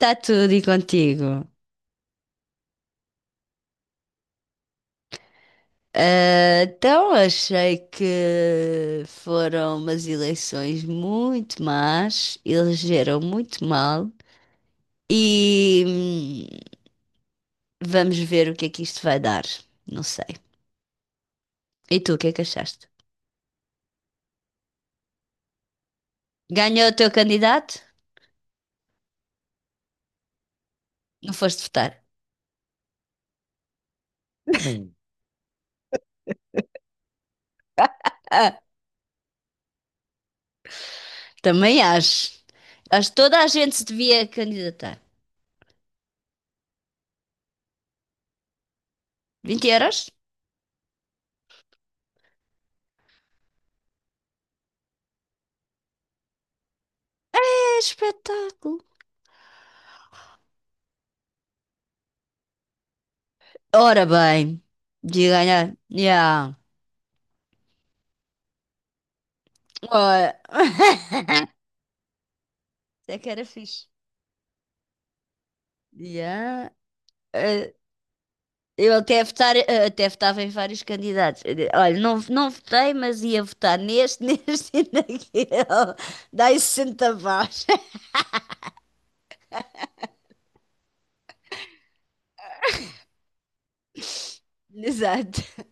Está tudo e contigo. Então, achei que foram umas eleições muito más, elegeram muito mal e vamos ver o que é que isto vai dar. Não sei. E tu, o que é que achaste? Ganhou o teu candidato? Não foste votar? Ah, também acho. Acho que toda a gente se devia candidatar. Vinte euros? É espetáculo. Ora bem, de ganhar. Yeah. Ora. Isso é que era fixe. Yeah. Eh, eu até votar, até votava em vários candidatos. Olha, não votei, mas ia votar neste, neste e naquele. Dá-lhe 60 votos. Exato.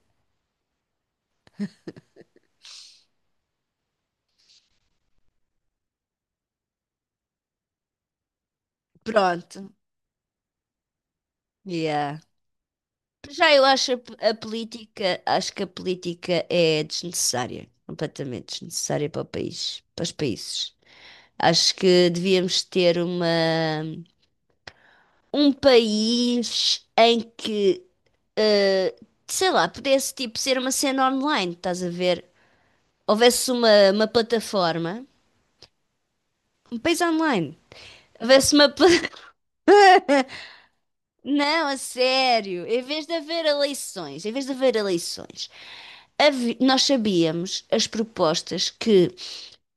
Pronto. Yeah. Já eu acho a política, acho que a política é desnecessária, completamente desnecessária para o país, para os países. Acho que devíamos ter um país em que sei lá, pudesse tipo ser uma cena online, estás a ver? Houvesse uma plataforma, um país online. Houvesse Não, a sério. Em vez de haver eleições, em vez de haver eleições, nós sabíamos as propostas que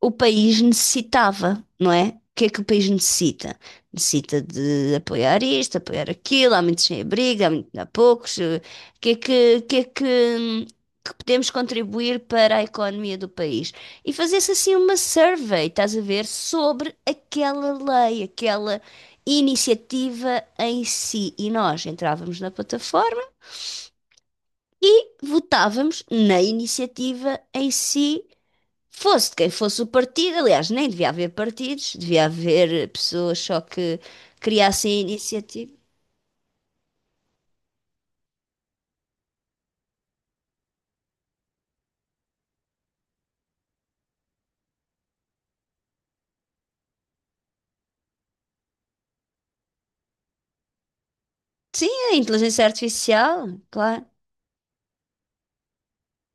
o país necessitava, não é? O que é que o país necessita? Necessita de apoiar isto, apoiar aquilo, há muitos sem abrigo, há poucos. O que é que, o que é que podemos contribuir para a economia do país? E fazer-se assim uma survey, estás a ver, sobre aquela lei, aquela iniciativa em si. E nós entrávamos na plataforma e votávamos na iniciativa em si. Fosse de quem fosse o partido, aliás, nem devia haver partidos, devia haver pessoas só que criassem a iniciativa. Sim, a inteligência artificial, claro.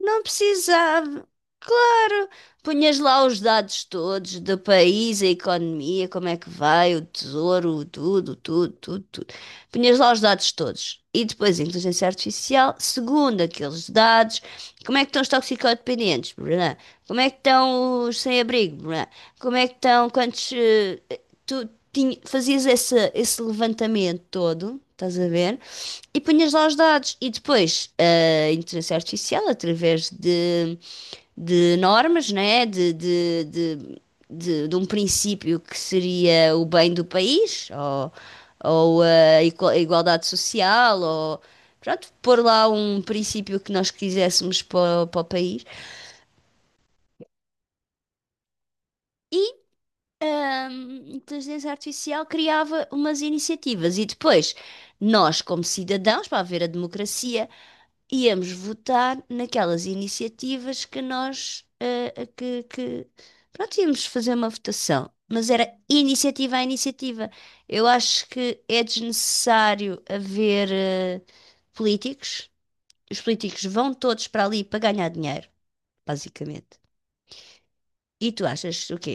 Não precisava. Claro, punhas lá os dados todos do país, a economia, como é que vai, o tesouro, tudo, tudo, tudo, tudo. Punhas lá os dados todos. E depois a inteligência artificial, segundo aqueles dados, como é que estão os toxicodependentes? Brã? Como é que estão os sem-abrigo? Brã? Como é que estão quantos. Fazias esse levantamento todo, estás a ver? E punhas lá os dados. E depois a inteligência artificial, através de normas, né? De um princípio que seria o bem do país, ou a igualdade social, ou pronto, pôr lá um princípio que nós quiséssemos para, para o país. A inteligência artificial criava umas iniciativas e depois nós, como cidadãos, para haver a democracia, íamos votar naquelas iniciativas que nós pronto, íamos fazer uma votação. Mas era iniciativa a iniciativa. Eu acho que é desnecessário haver políticos. Os políticos vão todos para ali para ganhar dinheiro, basicamente. E tu achas o quê?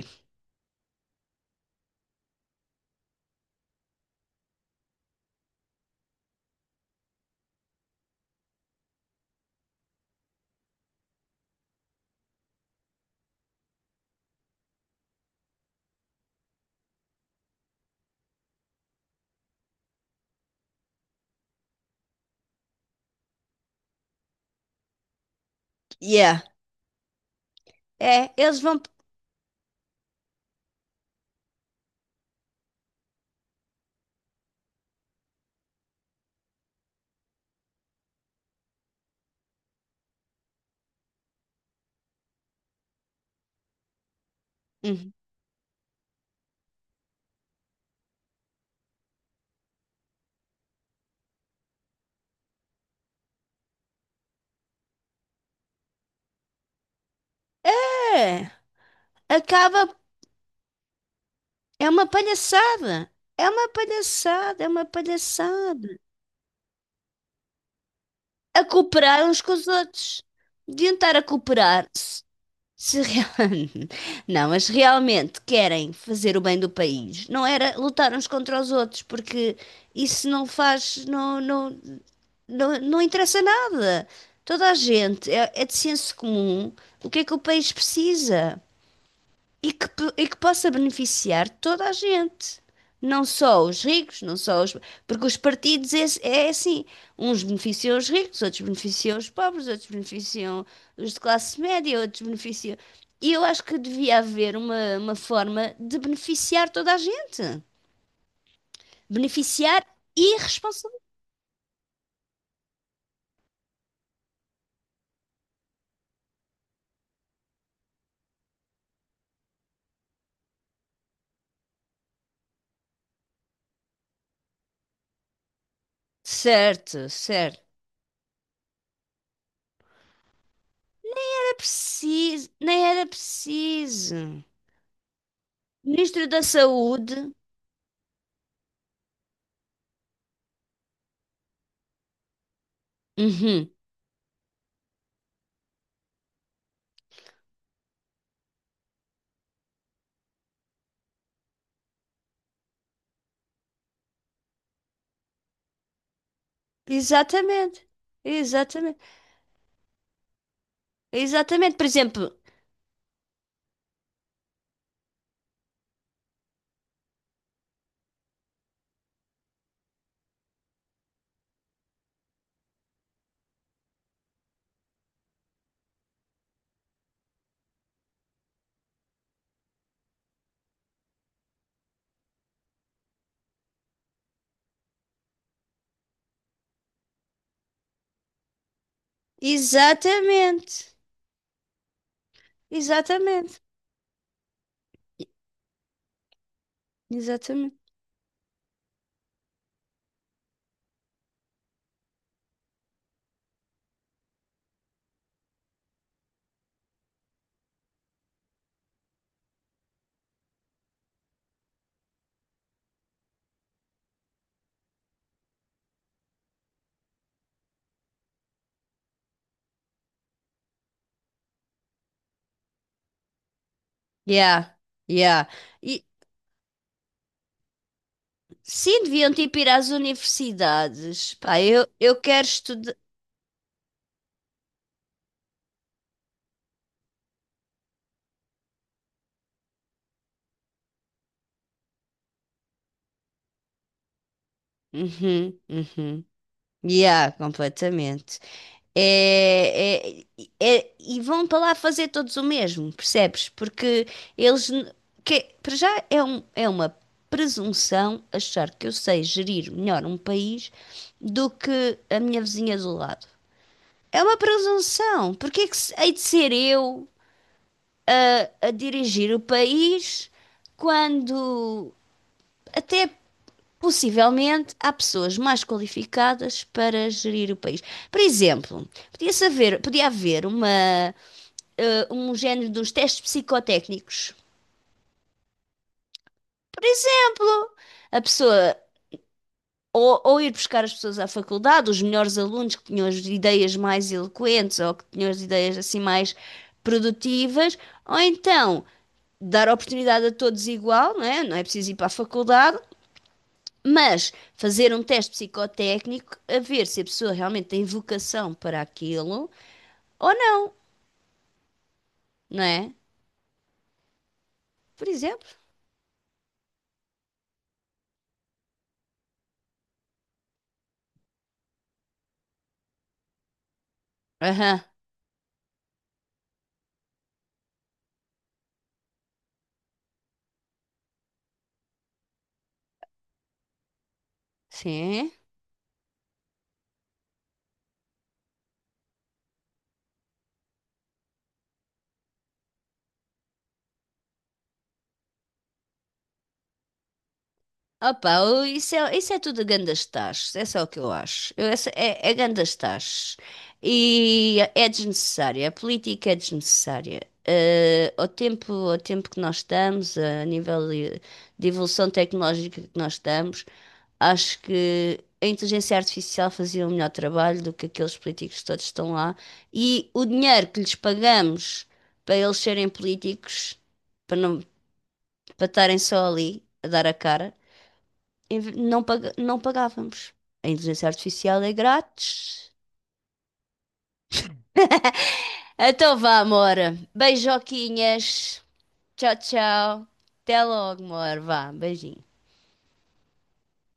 Yeah. É, eles vão. É, acaba. É uma palhaçada. É uma palhaçada, é uma palhaçada. A cooperar uns com os outros. Deviam estar a cooperar-se. Se real... Não, mas realmente querem fazer o bem do país. Não era lutar uns contra os outros, porque isso não faz. Não, não, não interessa nada. Toda a gente. É de senso comum. O que é que o país precisa? E que, que possa beneficiar toda a gente. Não só os ricos, não só os. Porque os partidos é, é assim: uns beneficiam os ricos, outros beneficiam os pobres, outros beneficiam os de classe média, outros beneficiam. E eu acho que devia haver uma forma de beneficiar toda a gente. Beneficiar e responsabilizar. Certo, certo. Nem era preciso, nem era preciso. Ministro da Saúde. Uhum. Exatamente. Exatamente. Exatamente. Por exemplo, exatamente. Exatamente. Exatamente. Yeah. Yeah. E sim, deviam tipo ir às universidades. Pá, eu quero estudar. Uhum, uhum. Yeah, completamente. É, é- e vão para lá fazer todos o mesmo, percebes? Porque eles, n- para já é, é uma presunção achar que eu sei gerir melhor um país do que a minha vizinha do lado. É uma presunção. Porque é que hei de ser eu a dirigir o país quando até possivelmente há pessoas mais qualificadas para gerir o país? Por exemplo, podia haver uma um género dos testes psicotécnicos. Por exemplo, a pessoa ou ir buscar as pessoas à faculdade, os melhores alunos que tinham as ideias mais eloquentes ou que tinham as ideias assim mais produtivas, ou então dar oportunidade a todos igual, não é? Não é preciso ir para a faculdade, mas fazer um teste psicotécnico a ver se a pessoa realmente tem vocação para aquilo ou não, não é? Por exemplo. Aham, sim. Opa, isso é tudo gandas tachos, é só o que eu acho. É, é gandas tachos. E é desnecessária, a política é desnecessária. Eh, ao tempo que nós estamos, a nível de evolução tecnológica que nós estamos, acho que a inteligência artificial fazia um melhor trabalho do que aqueles políticos que todos estão lá. E o dinheiro que lhes pagamos para eles serem políticos, para não, para estarem só ali a dar a cara não pagávamos. A inteligência artificial é grátis. Então vá, amor. Beijoquinhas. Tchau, tchau. Até logo, amor. Vá, beijinho.